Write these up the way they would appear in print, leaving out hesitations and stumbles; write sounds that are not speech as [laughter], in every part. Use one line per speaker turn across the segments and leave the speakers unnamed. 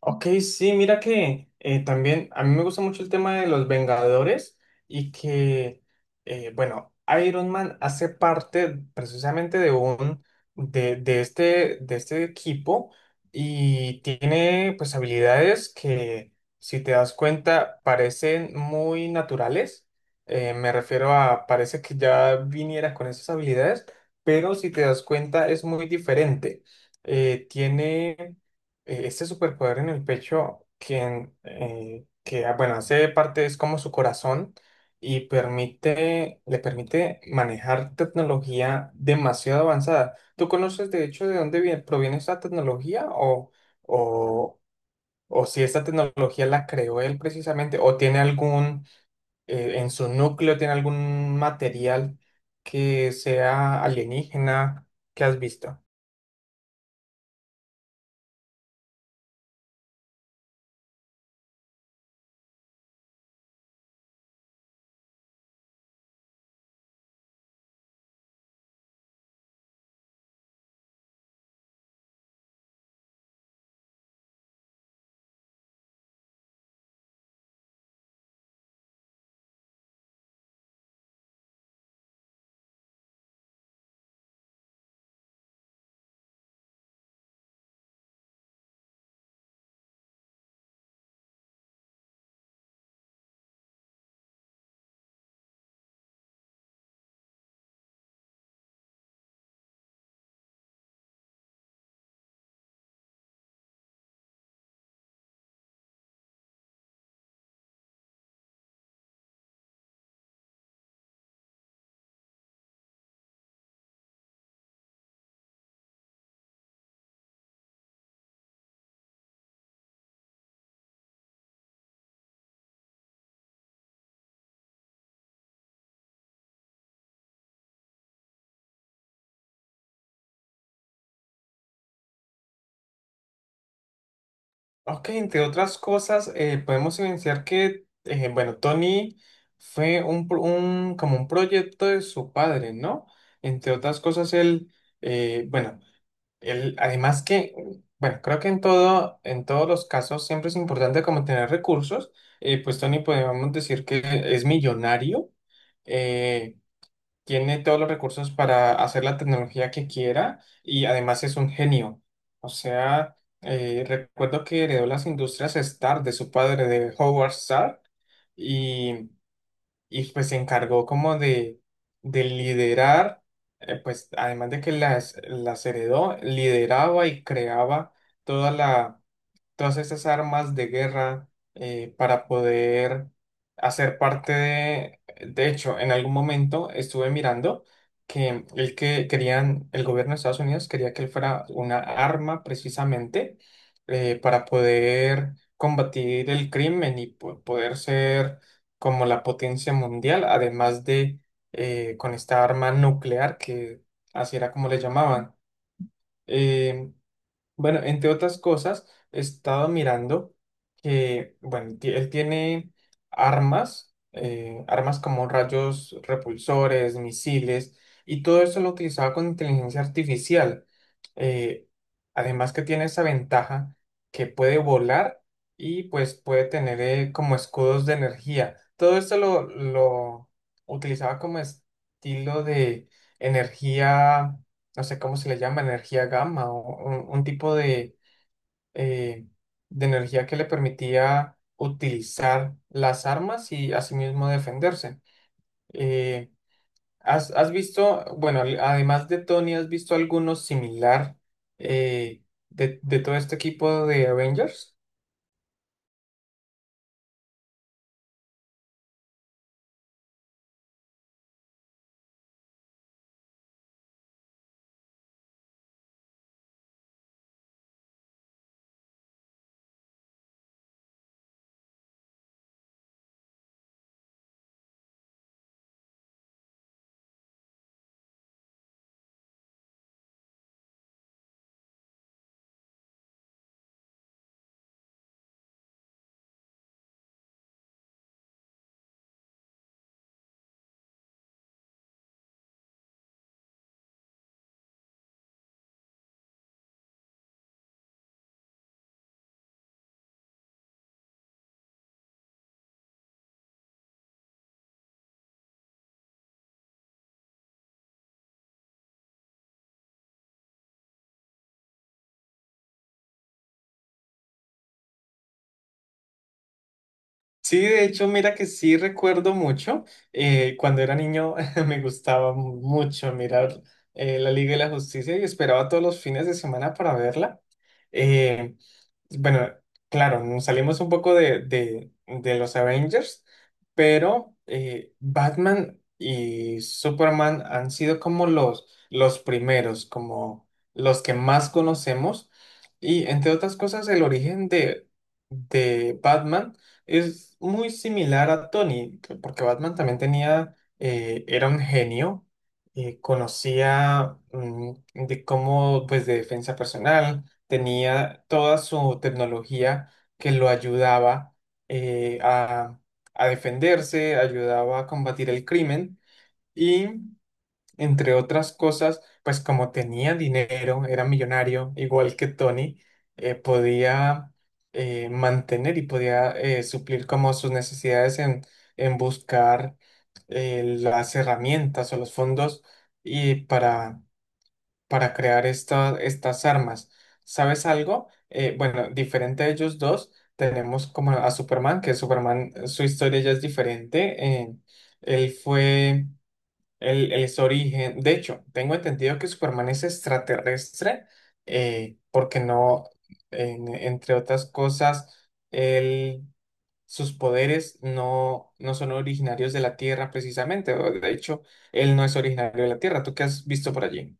Ok, sí, mira que también a mí me gusta mucho el tema de los Vengadores y que, eh, bueno, Iron Man hace parte precisamente de un, de este equipo y tiene pues habilidades que, si te das cuenta, parecen muy naturales. Me refiero a, parece que ya viniera con esas habilidades, pero si te das cuenta es muy diferente. Tiene este superpoder en el pecho que hace parte, es como su corazón y le permite manejar tecnología demasiado avanzada. ¿Tú conoces de hecho de dónde proviene esta tecnología o, o, o si esta tecnología la creó él precisamente o tiene algún, en su núcleo tiene algún material que sea alienígena que has visto? Ok, entre otras cosas, podemos evidenciar que Tony fue como un proyecto de su padre, ¿no? Entre otras cosas, eh, bueno, él, además que, bueno, creo que en en todos los casos siempre es importante como tener recursos. Pues Tony podemos decir que es millonario. eh, Tiene todos los recursos para hacer la tecnología que quiera y además es un genio. O sea, recuerdo que heredó las industrias Starr de su padre, de Howard Starr, y, pues se encargó como de liderar. Pues además de las heredó, lideraba y creaba toda la todas estas armas de guerra para poder hacer parte de... De hecho, en algún momento estuve mirando que el gobierno de Estados Unidos quería que él fuera una arma precisamente, para poder combatir el crimen y poder ser como la potencia mundial, además de con esta arma nuclear que así era como le llamaban. Em, bueno, Entre otras cosas, he estado mirando que, bueno, él tiene armas, armas como rayos repulsores, misiles, y todo eso lo utilizaba con inteligencia artificial. Eh, Además que tiene esa ventaja que puede volar y pues puede tener como escudos de energía. Todo esto lo utilizaba como estilo de energía, no sé cómo se le llama, energía gamma o un tipo eh, de energía que le permitía utilizar las armas y asimismo defenderse. Eh, ¿has visto, bueno, además de Tony, has visto alguno similar eh, de todo este equipo de Avengers? Sí, de hecho, mira que sí recuerdo mucho. Cuando era niño [laughs] me gustaba mucho mirar la Liga de la Justicia, y esperaba todos los fines de semana para verla. Eh, bueno, claro, nos salimos un poco de los Avengers, pero Batman y Superman han sido como los primeros, como los que más conocemos. Y entre otras cosas, el origen de Batman es muy similar a Tony, porque Batman también tenía, era un genio, conocía, mm, de cómo, pues, de defensa personal. Tenía toda su tecnología que lo ayudaba eh, a, a defenderse, ayudaba a combatir el crimen y, entre otras cosas, pues como tenía dinero, era millonario, igual que Tony. Podía mantener y podía suplir como sus necesidades en buscar las herramientas o los fondos y para crear estas armas. ¿Sabes algo? Bueno, Diferente a ellos dos, tenemos como a Superman, que Superman, su historia ya es diferente. Él fue, él es origen. De hecho, tengo entendido que Superman es extraterrestre, porque no, en- entre otras cosas, él, sus poderes no, no son originarios de la Tierra precisamente. O De hecho, él no es originario de la Tierra. ¿Tú qué has visto por allí?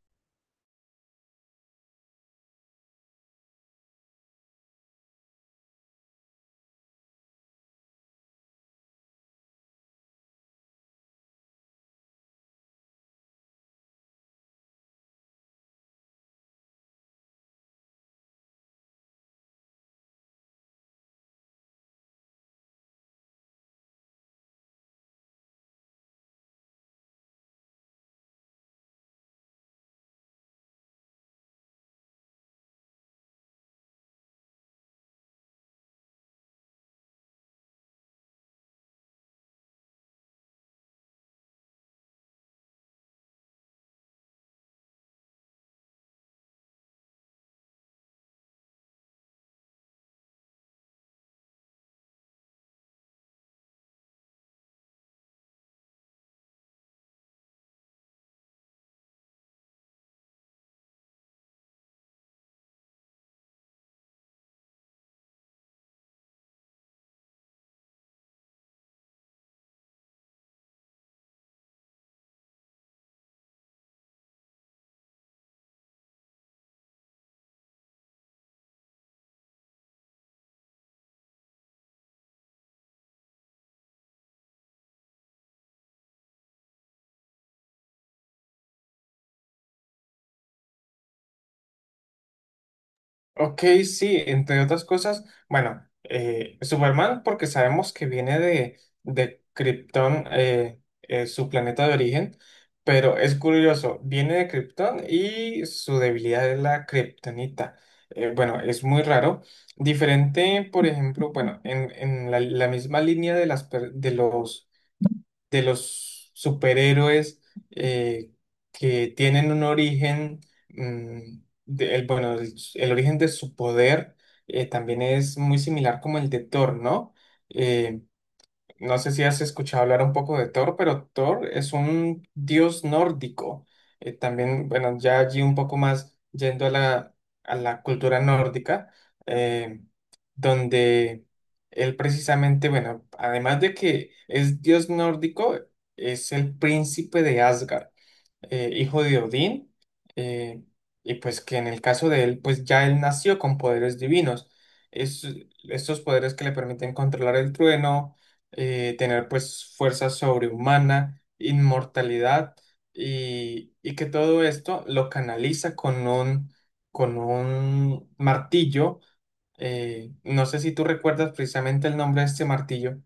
Ok, sí, entre otras cosas, bueno, Superman, porque sabemos que viene de Krypton, su planeta de origen, pero es curioso, viene de Krypton y su debilidad es la kriptonita. Bueno, es muy raro. Diferente, por ejemplo, bueno, en la misma línea de los superhéroes eh, que tienen un origen, mm, el origen de su poder también es muy similar como el de Thor, ¿no? Eh, no sé si has escuchado hablar un poco de Thor, pero Thor es un dios nórdico. También, bueno, ya allí un poco más yendo a a la cultura nórdica, eh, donde él precisamente, bueno, además de que es dios nórdico, es el príncipe de Asgard, hijo de Odín, eh, y pues que en el caso de él, pues ya él nació con poderes divinos. Es, Estos poderes que le permiten controlar el trueno, tener pues fuerza sobrehumana, inmortalidad, y que todo esto lo canaliza con con un martillo. No sé si tú recuerdas precisamente el nombre de este martillo.